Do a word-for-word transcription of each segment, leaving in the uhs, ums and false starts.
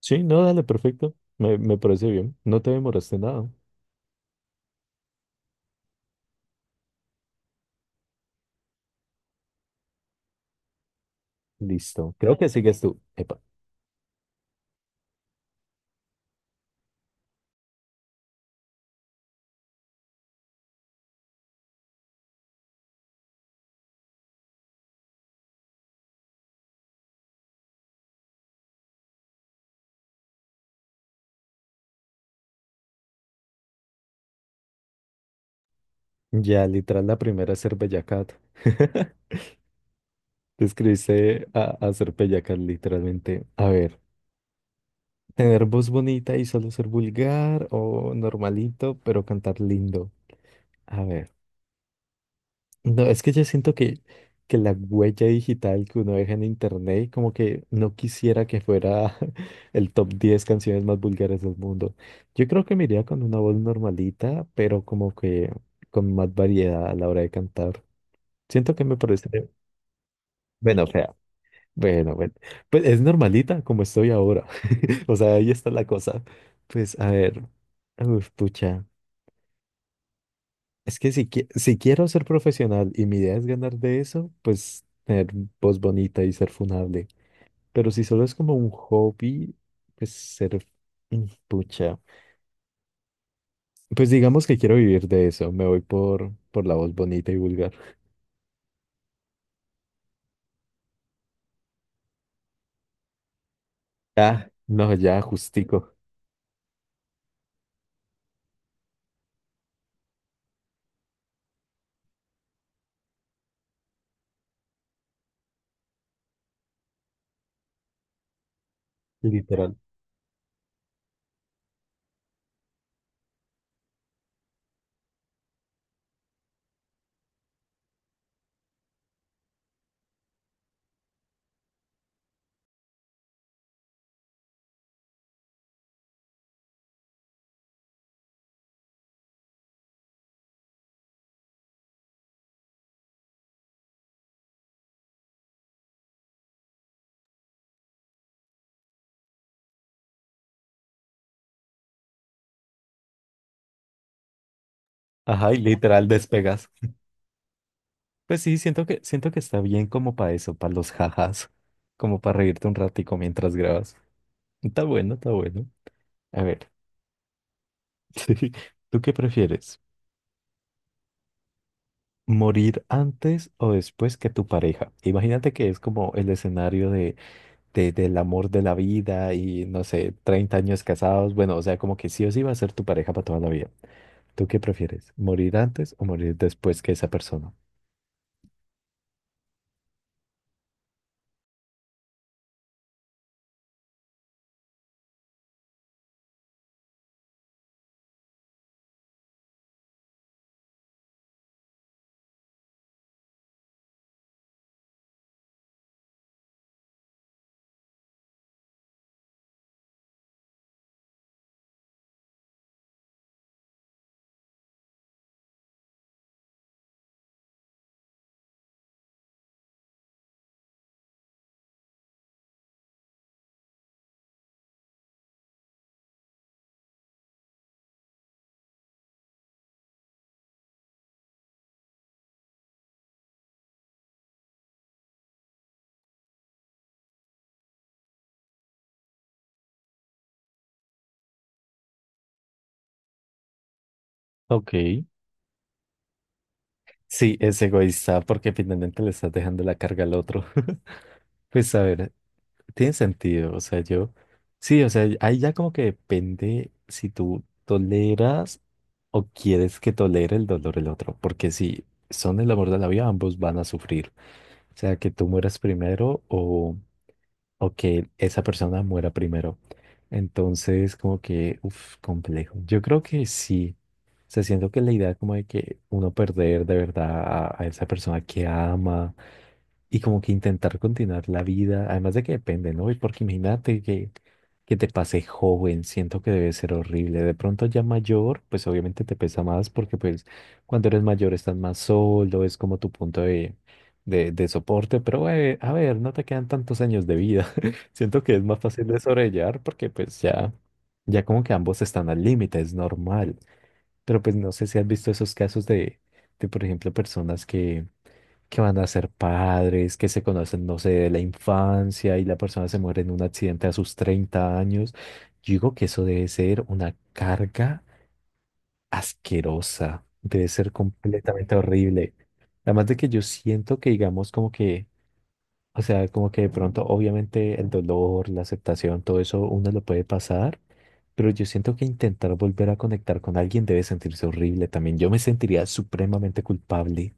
Sí, no, dale, perfecto. Me, me parece bien. No te demoraste nada. Listo. Creo que sigues tú. Epa. Ya, literal, la primera es ser bellacat. Te escribiste a, a ser bellacat, literalmente. A ver, tener voz bonita y solo ser vulgar o normalito, pero cantar lindo. A ver. No, es que yo siento que, que la huella digital que uno deja en internet, como que no quisiera que fuera el top diez canciones más vulgares del mundo. Yo creo que me iría con una voz normalita, pero como que con más variedad a la hora de cantar. Siento que me parece, bueno, fea, bueno, bueno. Pues es normalita como estoy ahora. O sea, ahí está la cosa. Pues a ver, uf, pucha. Es que si, qui- si quiero ser profesional y mi idea es ganar de eso, pues tener voz bonita y ser funable. Pero si solo es como un hobby, pues ser mm, pucha. Pues digamos que quiero vivir de eso. Me voy por, por la voz bonita y vulgar. Ah, no, ya, justico. Literal. Ajá, y literal despegas. Pues sí, siento que, siento que está bien como para eso, para los jajas. Como para reírte un ratico mientras grabas. Está bueno, está bueno. A ver, ¿tú qué prefieres? Morir antes o después que tu pareja. Imagínate que es como el escenario de, de- del amor de la vida y no sé, treinta años casados. Bueno, o sea, como que sí o sí va a ser tu pareja para toda la vida. ¿Tú qué prefieres? ¿Morir antes o morir después que esa persona? Ok. Sí, es egoísta porque finalmente le estás dejando la carga al otro. Pues a ver, tiene sentido, o sea, yo, sí, o sea, ahí ya como que depende si tú toleras. ¿O quieres que tolere el dolor el otro? Porque si son el amor de la vida, ambos van a sufrir. O sea, que tú mueras primero o, o que esa persona muera primero. Entonces, como que, uff, complejo. Yo creo que sí. O sea, siento que la idea como de que uno perder de verdad a, a esa persona que ama y como que intentar continuar la vida, además de que depende, ¿no? Y porque imagínate que, que te pase joven, siento que debe ser horrible. De pronto ya mayor, pues obviamente te pesa más porque pues cuando eres mayor estás más solo, es como tu punto de, de, de soporte, pero eh, a ver, no te quedan tantos años de vida. Siento que es más fácil de sobrellevar porque pues ya, ya como que ambos están al límite, es normal. Pero pues no sé si has visto esos casos de, de por ejemplo, personas que, que van a ser padres, que se conocen, no sé, de la infancia y la persona se muere en un accidente a sus treinta años. Yo digo que eso debe ser una carga asquerosa, debe ser completamente horrible. Además de que yo siento que, digamos, como que o sea, como que de pronto, obviamente, el dolor, la aceptación, todo eso uno lo puede pasar, pero yo siento que intentar volver a conectar con alguien debe sentirse horrible también. Yo me sentiría supremamente culpable.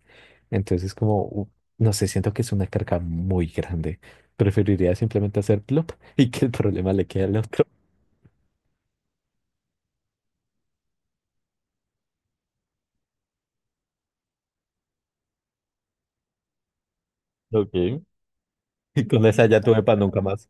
Entonces, como, u- no sé, siento que es una carga muy grande. Preferiría simplemente hacer plop y que el problema le quede al otro. Okay. Y con esa ya tuve para nunca más.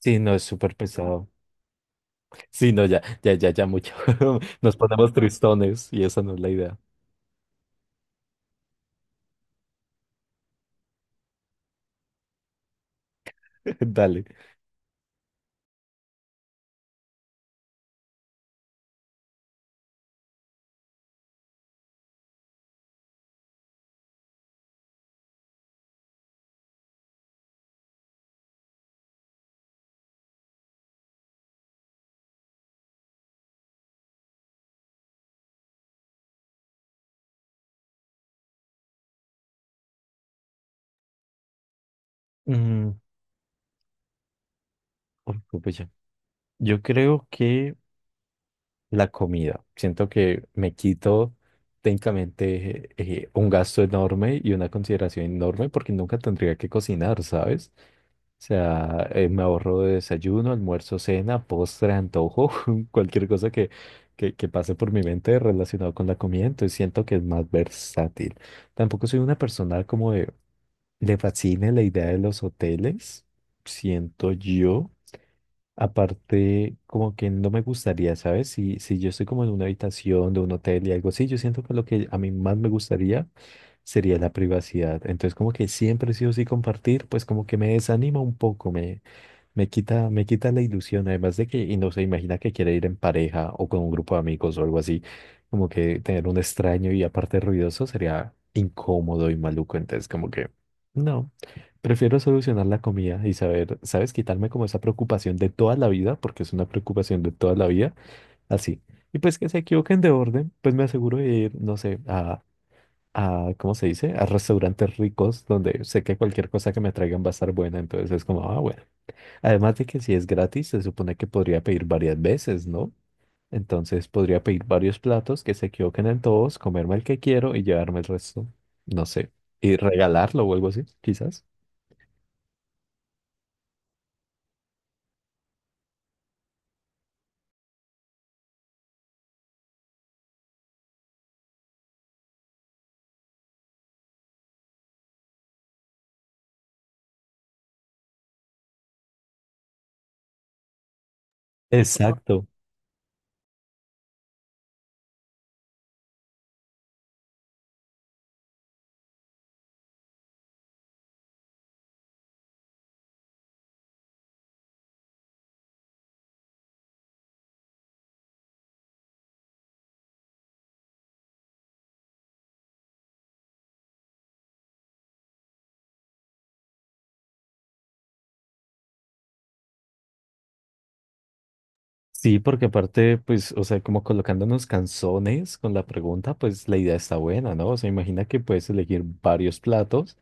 Sí, no, es súper pesado. Sí, no, ya, ya, ya, ya mucho. Nos ponemos tristones y esa no es la idea. Dale. Mm. Uy, pupucha. Yo creo que la comida. Siento que me quito técnicamente eh, un gasto enorme y una consideración enorme porque nunca tendría que cocinar, ¿sabes? O sea, eh, me ahorro de desayuno, almuerzo, cena, postre, antojo, cualquier cosa que, que, que pase por mi mente relacionado con la comida, entonces siento que es más versátil. Tampoco soy una persona como de, le fascine la idea de los hoteles, siento yo. Aparte, como que no me gustaría, ¿sabes? Si, si yo estoy como en una habitación de un hotel y algo así, yo siento que lo que a mí más me gustaría sería la privacidad. Entonces, como que siempre sí o sí compartir, pues como que me desanima un poco, me, me quita, me quita la ilusión, además de que, y no se imagina que quiere ir en pareja o con un grupo de amigos o algo así, como que tener un extraño y aparte ruidoso sería incómodo y maluco, entonces como que, no, prefiero solucionar la comida y saber, ¿sabes? Quitarme como esa preocupación de toda la vida, porque es una preocupación de toda la vida, así. Y pues que se equivoquen de orden, pues me aseguro de ir, no sé, a, a, ¿cómo se dice? A restaurantes ricos donde sé que cualquier cosa que me traigan va a estar buena, entonces es como, ah, bueno. Además de que si es gratis, se supone que podría pedir varias veces, ¿no? Entonces podría pedir varios platos que se equivoquen en todos, comerme el que quiero y llevarme el resto, no sé, y regalarlo o algo así, quizás. Exacto. Sí, porque aparte, pues, o sea, como colocándonos canzones con la pregunta, pues la idea está buena, ¿no? O sea, imagina que puedes elegir varios platos.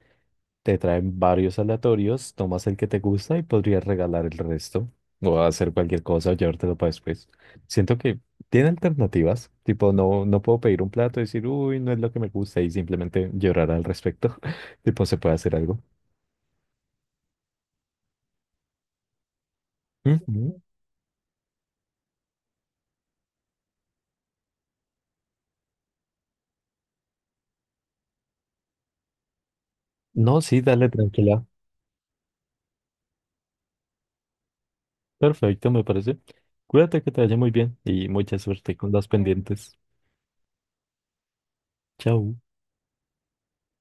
Te traen varios aleatorios, tomas el que te gusta y podrías regalar el resto o hacer cualquier cosa o llevártelo para después. Siento que tiene alternativas, tipo no, no puedo pedir un plato y decir, uy, no es lo que me gusta y simplemente llorar al respecto. Tipo, se puede hacer algo. Ujú. No, sí, dale tranquila. Perfecto, me parece. Cuídate que te vaya muy bien y mucha suerte con las pendientes. Chao.